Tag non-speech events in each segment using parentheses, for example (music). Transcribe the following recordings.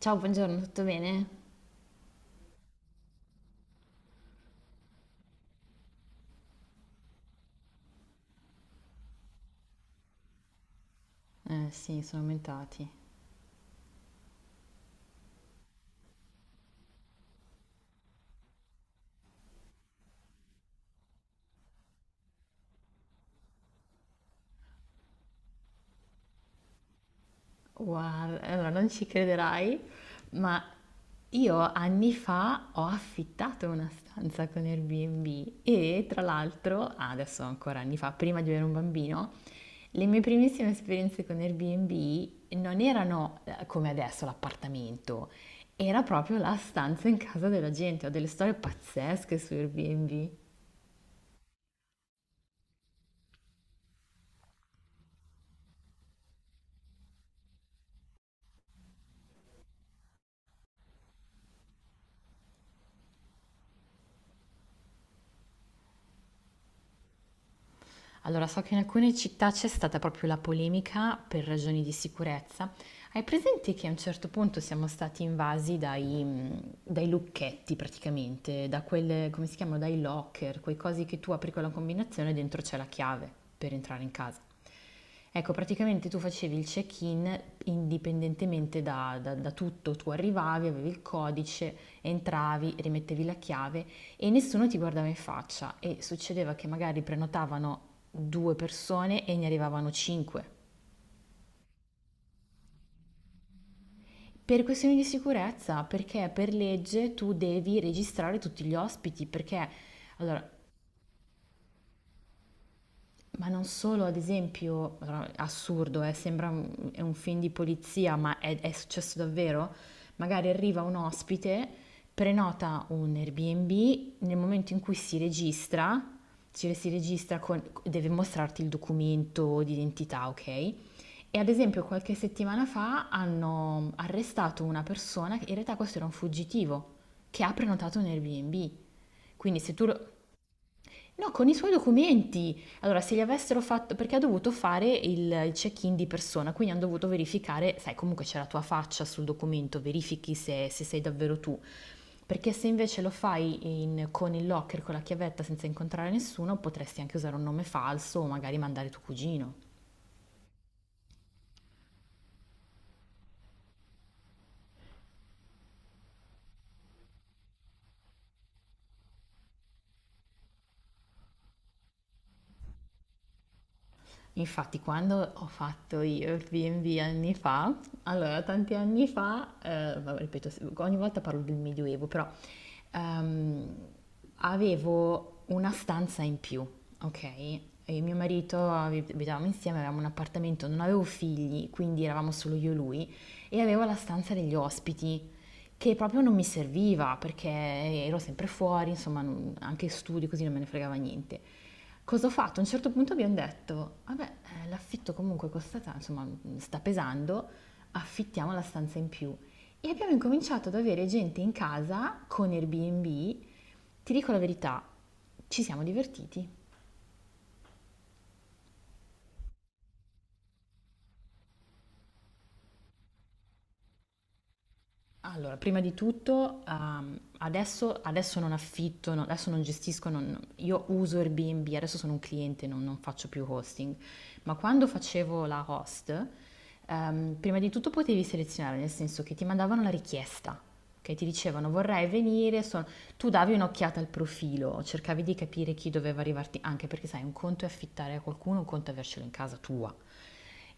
Ciao, buongiorno, tutto bene? Eh sì, sono aumentati. Guarda, allora non ci crederai, ma io anni fa ho affittato una stanza con Airbnb e tra l'altro, ah, adesso ancora anni fa, prima di avere un bambino, le mie primissime esperienze con Airbnb non erano come adesso l'appartamento, era proprio la stanza in casa della gente. Ho delle storie pazzesche su Airbnb. Allora, so che in alcune città c'è stata proprio la polemica per ragioni di sicurezza. Hai presente che a un certo punto siamo stati invasi dai lucchetti praticamente, da quelle, come si chiamano, dai locker, quei cosi che tu apri con la combinazione e dentro c'è la chiave per entrare in casa. Ecco, praticamente tu facevi il check-in indipendentemente da tutto, tu arrivavi, avevi il codice, entravi, rimettevi la chiave e nessuno ti guardava in faccia e succedeva che magari prenotavano due persone e ne arrivavano cinque. Per questioni di sicurezza, perché per legge tu devi registrare tutti gli ospiti, perché allora. Ma non solo, ad esempio, allora, assurdo, sembra un, è un film di polizia, ma è successo davvero? Magari arriva un ospite, prenota un Airbnb, nel momento in cui si registra, si registra con, deve mostrarti il documento d'identità, ok? E ad esempio qualche settimana fa hanno arrestato una persona, che in realtà questo era un fuggitivo, che ha prenotato un Airbnb. Quindi se tu lo- no, con i suoi documenti. Allora, se gli avessero fatto, perché ha dovuto fare il check-in di persona, quindi hanno dovuto verificare, sai, comunque c'è la tua faccia sul documento, verifichi se, se sei davvero tu. Perché se invece lo fai in- con il locker, con la chiavetta, senza incontrare nessuno, potresti anche usare un nome falso o magari mandare tuo cugino. Infatti, quando ho fatto io il B&B anni fa, allora tanti anni fa, vabbè, ripeto, ogni volta parlo del Medioevo, però ehm, avevo una stanza in più, ok? E mio marito abit- abitavamo insieme, avevamo un appartamento, non avevo figli, quindi eravamo solo io e lui, e avevo la stanza degli ospiti che proprio non mi serviva perché ero sempre fuori, insomma, non- anche studi così non me ne fregava niente. Cosa ho fatto? A un certo punto abbiamo detto, vabbè, l'affitto comunque costa, ta- insomma, sta pesando, affittiamo la stanza in più. E abbiamo incominciato ad avere gente in casa con Airbnb. Ti dico la verità, ci siamo divertiti. Allora, prima di tutto, adesso, adesso non affitto, no- adesso non gestisco, non- io uso Airbnb, adesso sono un cliente, non, non faccio più hosting, ma quando facevo la host, prima di tutto potevi selezionare, nel senso che ti mandavano la richiesta, che ti dicevano vorrei venire, sono- tu davi un'occhiata al profilo, cercavi di capire chi doveva arrivarti, anche perché sai, un conto è affittare a qualcuno, un conto è avercelo in casa tua.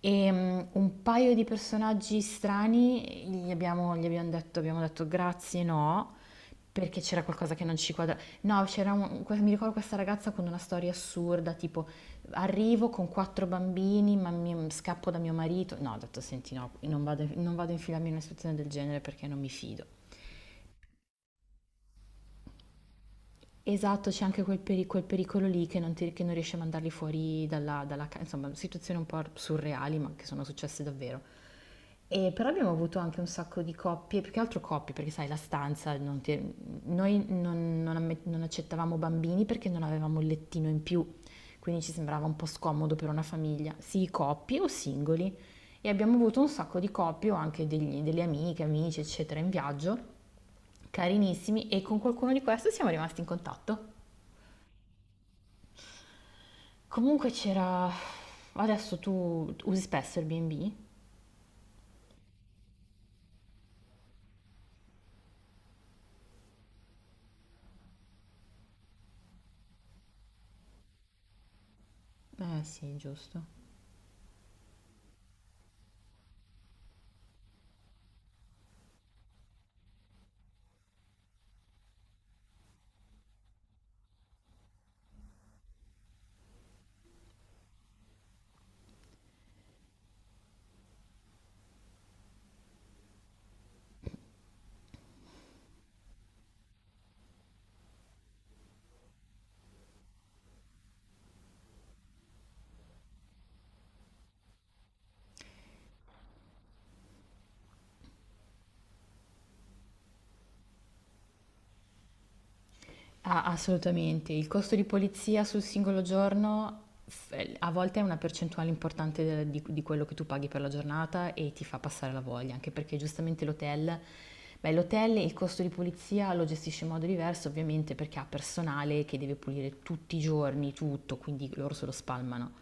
E un paio di personaggi strani gli abbiamo detto grazie, no, perché c'era qualcosa che non ci quadra. No, c'era un- que- mi ricordo questa ragazza con una storia assurda, tipo arrivo con quattro bambini, ma mi- scappo da mio marito. No, ho detto senti, no, non vado, non vado a infilarmi in una situazione del genere perché non mi fido. Esatto, c'è anche quel, peri- quel pericolo lì che non, ti- che non riesci a mandarli fuori dalla, dalla casa, insomma, situazioni un po' surreali ma che sono successe davvero. E però abbiamo avuto anche un sacco di coppie, più che altro coppie, perché sai, la stanza, non ti- noi non, non amme- non accettavamo bambini perché non avevamo il lettino in più, quindi ci sembrava un po' scomodo per una famiglia, sì, coppie o singoli. E abbiamo avuto un sacco di coppie o anche degli- delle amiche, amici, eccetera, in viaggio, carinissimi, e con qualcuno di questi siamo rimasti in contatto. Comunque c'era... Adesso tu usi spesso il B&B? Eh sì, giusto. Ah, assolutamente. Il costo di polizia sul singolo giorno f- a volte è una percentuale importante del- di quello che tu paghi per la giornata e ti fa passare la voglia, anche perché giustamente l'hotel, beh, l'hotel il costo di polizia lo gestisce in modo diverso, ovviamente, perché ha personale che deve pulire tutti i giorni tutto, quindi loro se lo spalmano.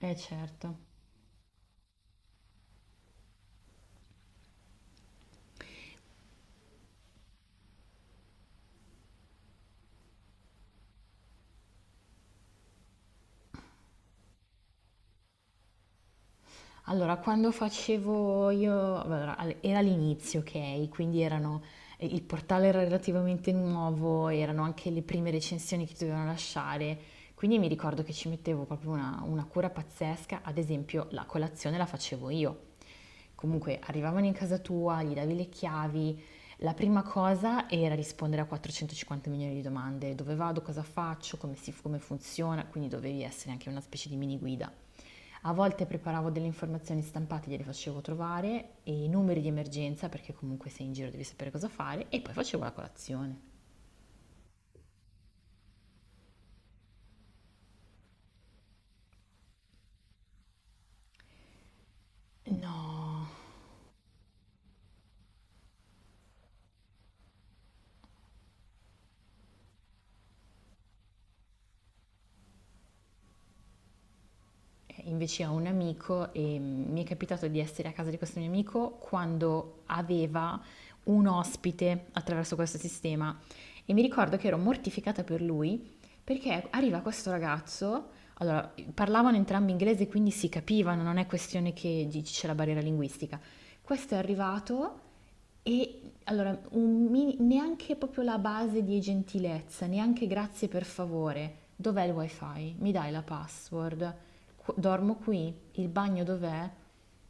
Eh certo. Allora, quando facevo io, allora, al- era l'inizio, ok? Quindi erano, il portale era relativamente nuovo, erano anche le prime recensioni che dovevano lasciare, quindi mi ricordo che ci mettevo proprio una cura pazzesca, ad esempio la colazione la facevo io. Comunque arrivavano in casa tua, gli davi le chiavi, la prima cosa era rispondere a 450 milioni di domande, dove vado, cosa faccio, come si, come funziona, quindi dovevi essere anche una specie di mini guida. A volte preparavo delle informazioni stampate, gliele facevo trovare e i numeri di emergenza, perché comunque sei in giro devi sapere cosa fare, e poi facevo la colazione. No, eh, invece ho un amico e mi è capitato di essere a casa di questo mio amico quando aveva un ospite attraverso questo sistema e mi ricordo che ero mortificata per lui perché arriva questo ragazzo, allora parlavano entrambi inglese quindi si capivano, non è questione che dici c'è la barriera linguistica. Questo è arrivato. E allora, un mini- neanche proprio la base di gentilezza, neanche grazie per favore. Dov'è il wifi? Mi dai la password? Qu- dormo qui? Il bagno dov'è?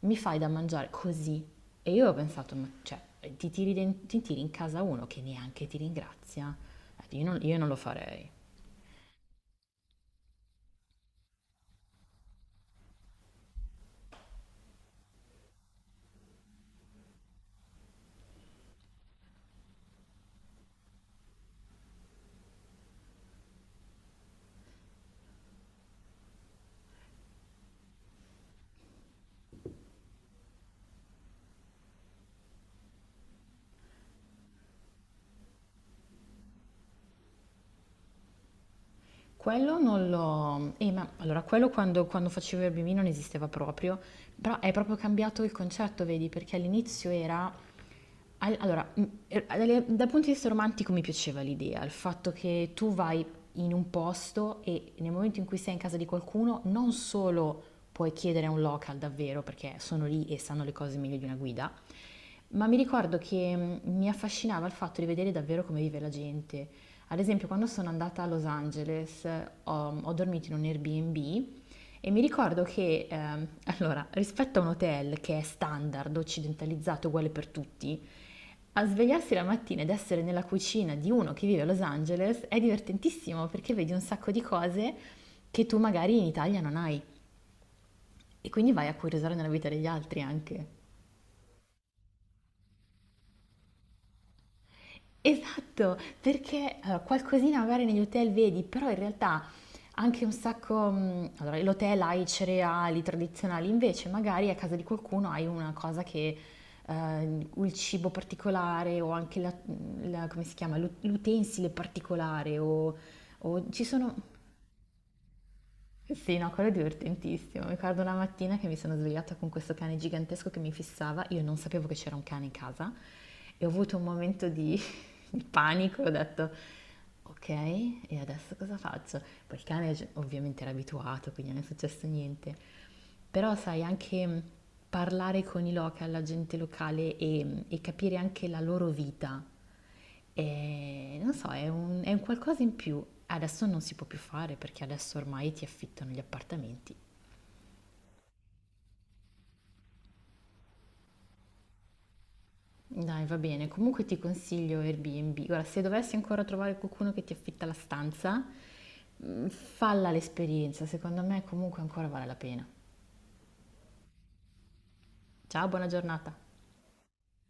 Mi fai da mangiare? Così. E io ho pensato, ma cioè, ti tiri, den- ti tiri in casa uno che neanche ti ringrazia? Io non lo farei. Quello non lo... ma allora, quello quando, quando facevo il bimino non esisteva proprio, però è proprio cambiato il concetto, vedi, perché all'inizio era al- allora, dalle- dal punto di vista romantico mi piaceva l'idea, il fatto che tu vai in un posto e nel momento in cui sei in casa di qualcuno non solo puoi chiedere a un local davvero perché sono lì e sanno le cose meglio di una guida, ma mi ricordo che mi affascinava il fatto di vedere davvero come vive la gente. Ad esempio, quando sono andata a Los Angeles, ho, ho dormito in un Airbnb e mi ricordo che, (laughs) allora, rispetto a un hotel che è standard, occidentalizzato, uguale per tutti, a svegliarsi la mattina ed essere nella cucina di uno che vive a Los Angeles è divertentissimo perché vedi un sacco di cose che tu magari in Italia non hai e quindi vai a curiosare nella vita degli altri anche. Esatto, perché allora, qualcosina magari negli hotel vedi, però in realtà anche un sacco, allora l'hotel ha i cereali tradizionali, invece magari a casa di qualcuno hai una cosa che, il cibo particolare o anche la, la- come si chiama, l'u- l'utensile particolare o ci sono, sì, no, quello è divertentissimo. Mi ricordo una mattina che mi sono svegliata con questo cane gigantesco che mi fissava, io non sapevo che c'era un cane in casa e ho avuto un momento di, (laughs) di panico, ho detto ok, e adesso cosa faccio? Poi il cane gi- ovviamente era abituato, quindi non è successo niente. Però sai, anche parlare con i local, la gente locale e, e capire anche la loro vita e non so, è un qualcosa in più. Adesso non si può più fare perché adesso ormai ti affittano gli appartamenti. Dai, va bene. Comunque ti consiglio Airbnb. Guarda, se dovessi ancora trovare qualcuno che ti affitta la stanza, falla l'esperienza. Secondo me comunque ancora vale la pena. Ciao, buona giornata.